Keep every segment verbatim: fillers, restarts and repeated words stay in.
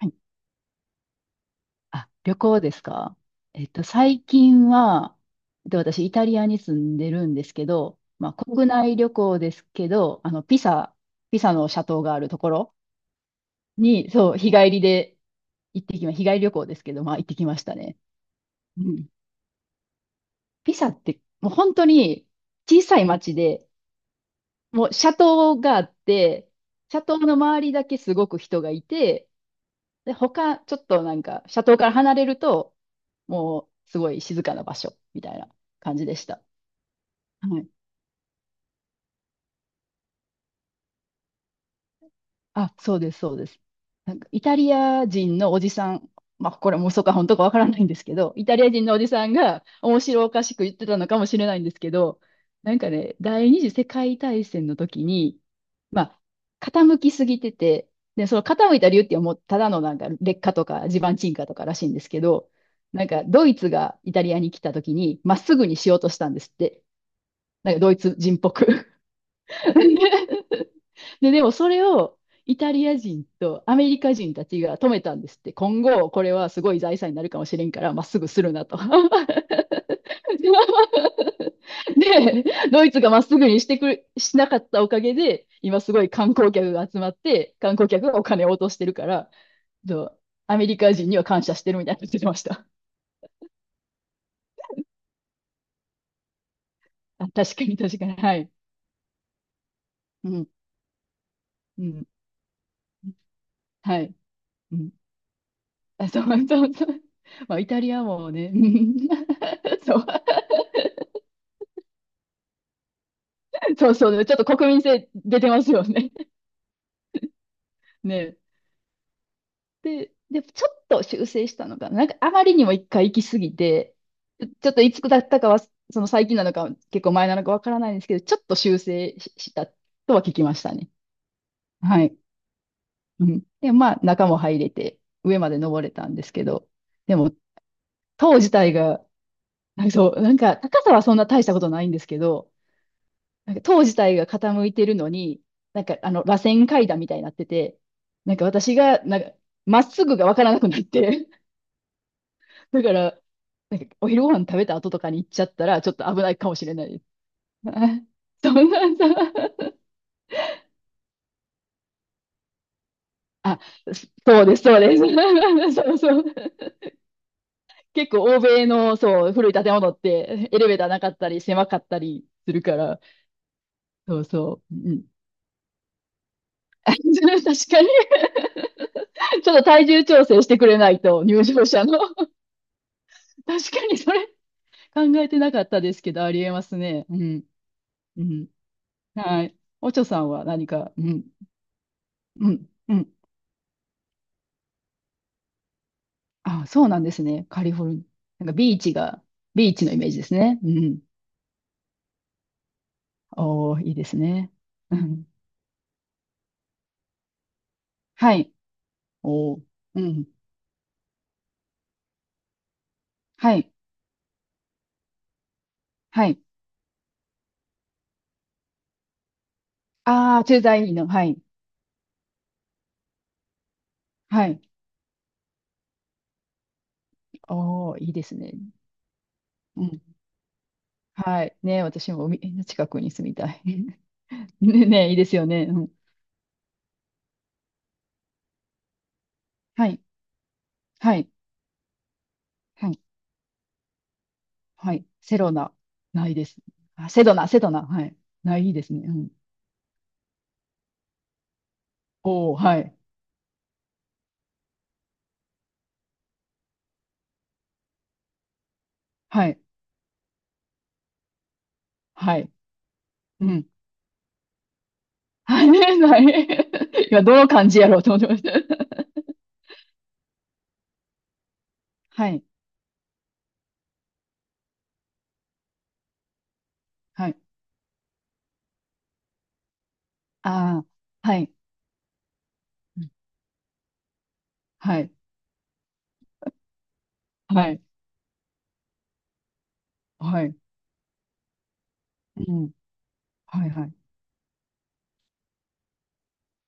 はい。あ、旅行ですか？えっと、最近は、えっと私、イタリアに住んでるんですけど、まあ、国内旅行ですけど、あの、ピサ、ピサの斜塔があるところに、そう、日帰りで行ってきま、日帰り旅行ですけど、まあ、行ってきましたね。うん。ピサって、もう本当に小さい町で、もう斜塔があって、斜塔の周りだけすごく人がいて、で、他、ちょっとなんか、車道から離れると、もう、すごい静かな場所、みたいな感じでした。はい。あ、そうです、そうです。なんかイタリア人のおじさん、まあ、これも嘘か本当かわからないんですけど、イタリア人のおじさんが面白おかしく言ってたのかもしれないんですけど、なんかね、第二次世界大戦の時に、まあ、傾きすぎてて、で、その傾いた理由っていうのはもうただのなんか劣化とか地盤沈下とからしいんですけど、なんかドイツがイタリアに来た時にまっすぐにしようとしたんですって。なんかドイツ人っぽく。で、でもそれをイタリア人とアメリカ人たちが止めたんですって、今後これはすごい財産になるかもしれんから、まっすぐするなと。で、ドイツがまっすぐにしてくれ、しなかったおかげで、今すごい観光客が集まって、観光客がお金を落としてるから、そうアメリカ人には感謝してるみたいなこと言ってました。あ、確かに確かに。はい。うん。うん。はい。うん。あ、そうそうそう。まあ、イタリアもね。うん。 そう。そうそうね。ちょっと国民性出てますよね。ね。で、で、ちょっと修正したのかな。なんかあまりにも一回行き過ぎて、ちょちょっといつだったかは、その最近なのか、結構前なのかわからないんですけど、ちょっと修正ししたとは聞きましたね。はい。うん。で、まあ、中も入れて、上まで登れたんですけど、でも、塔自体が、なんかそう、なんか高さはそんな大したことないんですけど、なんか塔自体が傾いてるのに、なんかあの、螺旋階段みたいになってて、なんか私が、なんか、まっすぐがわからなくなって、だから、なんかお昼ご飯食べた後とかに行っちゃったら、ちょっと危ないかもしれないです。あ、そんなんだ。あ、そうです、そうです。そうそう。結構欧米の、そう、古い建物って、エレベーターなかったり、狭かったりするから、そうそう。うん。確かに、ちょっと体重調整してくれないと、入場者の。確かに、それ。考えてなかったですけど、ありえますね。うん。うん。はい。おちょさんは何か、うん。うん。うん。あ、そうなんですね。カリフォルニア。なんかビーチが、ビーチのイメージですね。うん。おー、いいですね。うん。はい。おー。うん。はい。はい。ああ、駐在員の。はい。はい。おー、いいですね。うん。はい。ね、私も海の近くに住みたい。ね、ね、いいですよね。うん。はい。はい。はいはい。セロナ、ないです。あ、セドナ、セドナ、はい。ないですね。うん。おお、はい。はい。はい。うん。はい。ない。今、どの感じやろうと思ってました。はい。はい。ああ、はい。うん。はい。はい。はい。うん。はい、はい。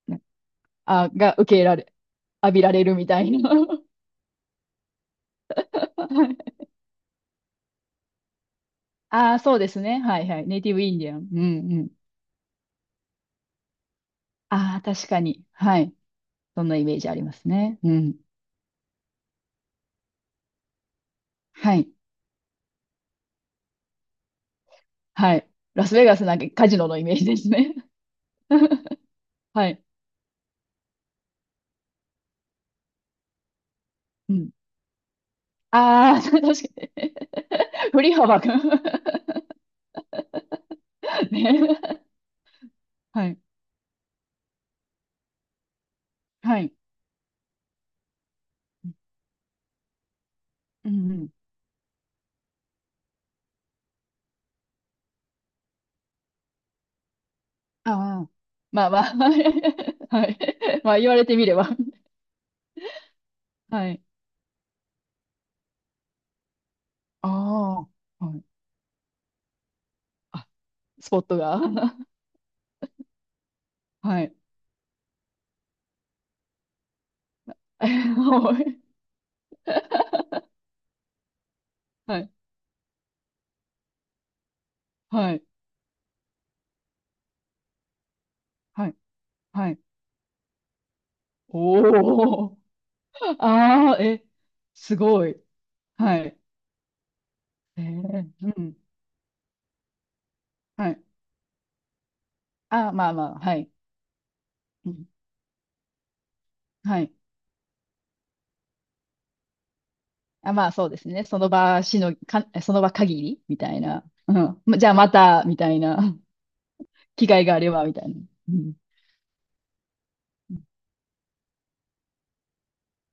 ね、あ、が受け入れられ、浴びられるみたいな。はい。ああ、そうですね。はい、はい。ネイティブインディアン。うん、うん。ああ、確かに。はい。そんなイメージありますね。うん。はい。はい。ラスベガスなんかカジノのイメージですね。はい。うん。ああ。確かに。振り幅が。 ね。はい。はい。うんうん。ああ。まあまあ。はい。はい、まあ言われてみれば。はい。ああ。はい。あ、スポットが。はい。はい。はい。はい。はい。はい。おお。ああ、え、すごい。はい。えー、うん。はい。あ、まあまあ、はい。うん、はい。あ、まあそうですね。その場しの、か、その場限りみたいな。うん。ま、じゃあまた、みたいな。機会があれば、みたいな。うん。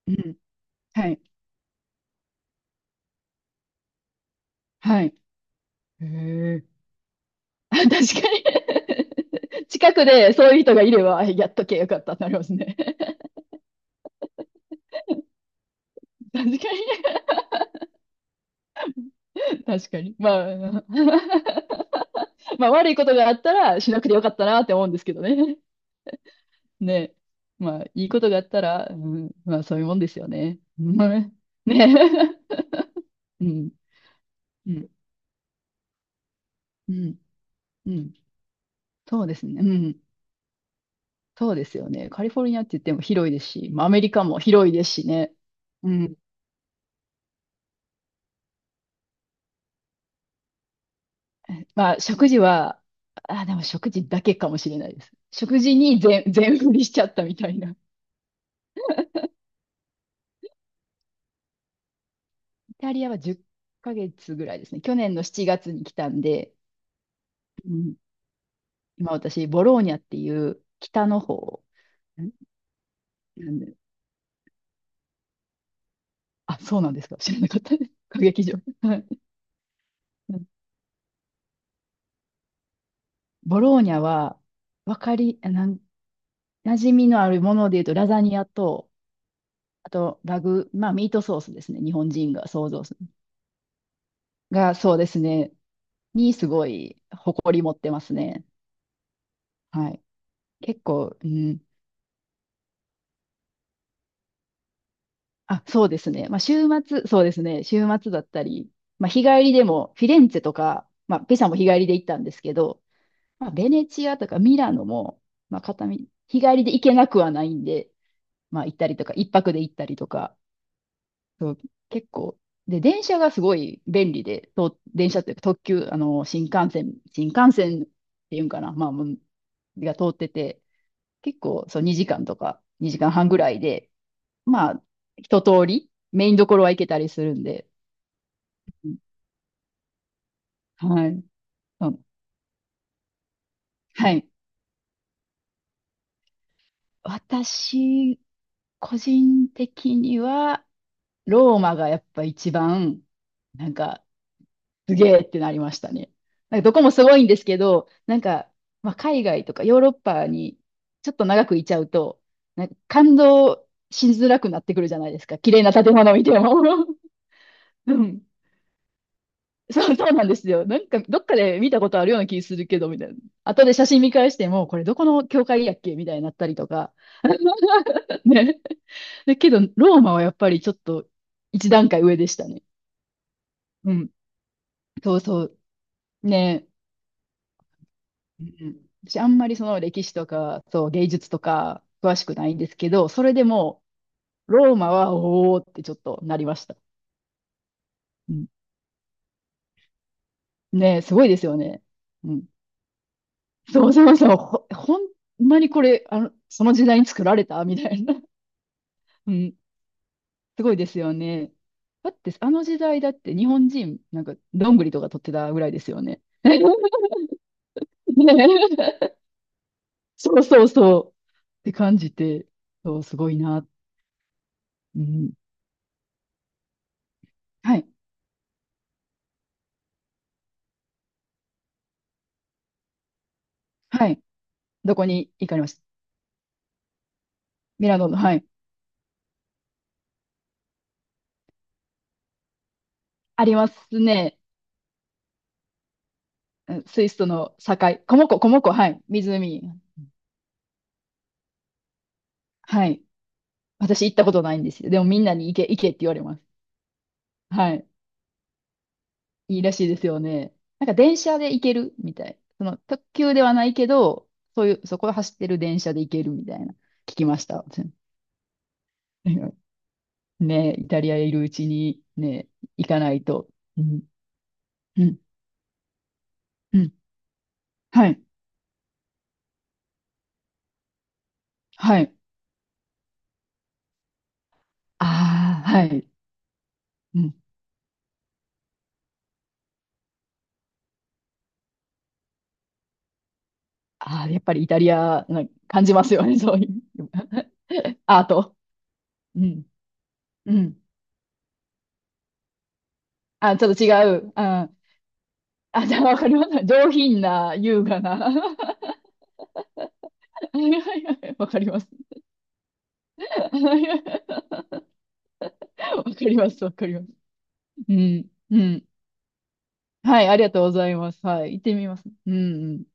うん。はい。はい。へえ。確かに。 近くでそういう人がいれば、やっとけよかったってなりますね。確かに。確かに。まあ、まあ悪いことがあったらしなくてよかったなって思うんですけどね。ね、まあ、いいことがあったら、うん、まあ、そういうもんですよね。まあね。ね。うん、うん、うん、うん。そうですね。うん。そうですよね。カリフォルニアって言っても広いですし、まあ、アメリカも広いですしね。うん。まあ、食事は、あ、でも食事だけかもしれないです。食事に全、全振りしちゃったみたいな。イタリアはじゅっかげつぐらいですね。去年のしちがつに来たんで、うん、今私、ボローニャっていう北の方、んなんあ、そうなんですか。知らなかったです。歌劇場。はい。うん。ボローニャは、わかり、なん、馴染みのあるもので言うと、ラザニアと、あと、ラグ、まあ、ミートソースですね。日本人が想像する。が、そうですね。に、すごい、誇り持ってますね。はい。結構、うん。あ、そうですね。まあ、週末、そうですね。週末だったり、まあ、日帰りでも、フィレンツェとか、まあ、ペサも日帰りで行ったんですけど、まあ、ベネチアとかミラノも、まあ、片道、日帰りで行けなくはないんで、まあ、行ったりとか、一泊で行ったりとか、そう結構、で、電車がすごい便利で、と電車っていうか特急、あの、新幹線、新幹線っていうんかな、まあ、もうが通ってて、結構、そう、にじかんとか、にじかんはんぐらいで、まあ、一通り、メインどころは行けたりするんで、うん。はい。うん。はい。私、個人的には、ローマがやっぱ一番、なんか、すげえってなりましたね。なんかどこもすごいんですけど、なんか、まあ、海外とかヨーロッパにちょっと長くいちゃうと、なんか感動しづらくなってくるじゃないですか。綺麗な建物見ても。うん。そう、そうなんですよ。なんか、どっかで見たことあるような気するけど、みたいな。後で写真見返しても、これどこの教会やっけみたいになったりとか。ね。だけど、ローマはやっぱりちょっと一段階上でしたね。うん。そうそう。ね。うん、私あんまりその歴史とか、そう、芸術とか詳しくないんですけど、それでもローマはおおってちょっとなりました。うん、ねえ、すごいですよね。うん、そうそうそう、ほ、ほんまにこれ、あの、その時代に作られたみたいな。うん、すごいですよね。だって、あの時代だって日本人、なんか、どんぐりとか取ってたぐらいですよね。ねえ、そうそうそう。って感じて、そう、すごいな。うん、はい、はい。どこに行かれました？ミラノの、はい。ありますね。うん、スイスとの境。コモコ、コモコ、はい。湖。はい。私行ったことないんですよ。でもみんなに行け、行けって言われます。はい。いいらしいですよね。なんか電車で行けるみたい。その特急ではないけど、そういう、そこを走ってる電車で行けるみたいな。聞きました。ね、イタリアいるうちにね、行かないと。うん、うん、うん。はい、はい。ああ、はい。うん。ああ、やっぱりイタリアな感じますよね、そういう。 アート。うん。うん。あ、ちょっと違う。ああ、じゃあわかります。上品な、優雅な。はいはいはい、わかります。わかります、わかります。うん。うん。はい、ありがとうございます。はい、行ってみます。うん。うん。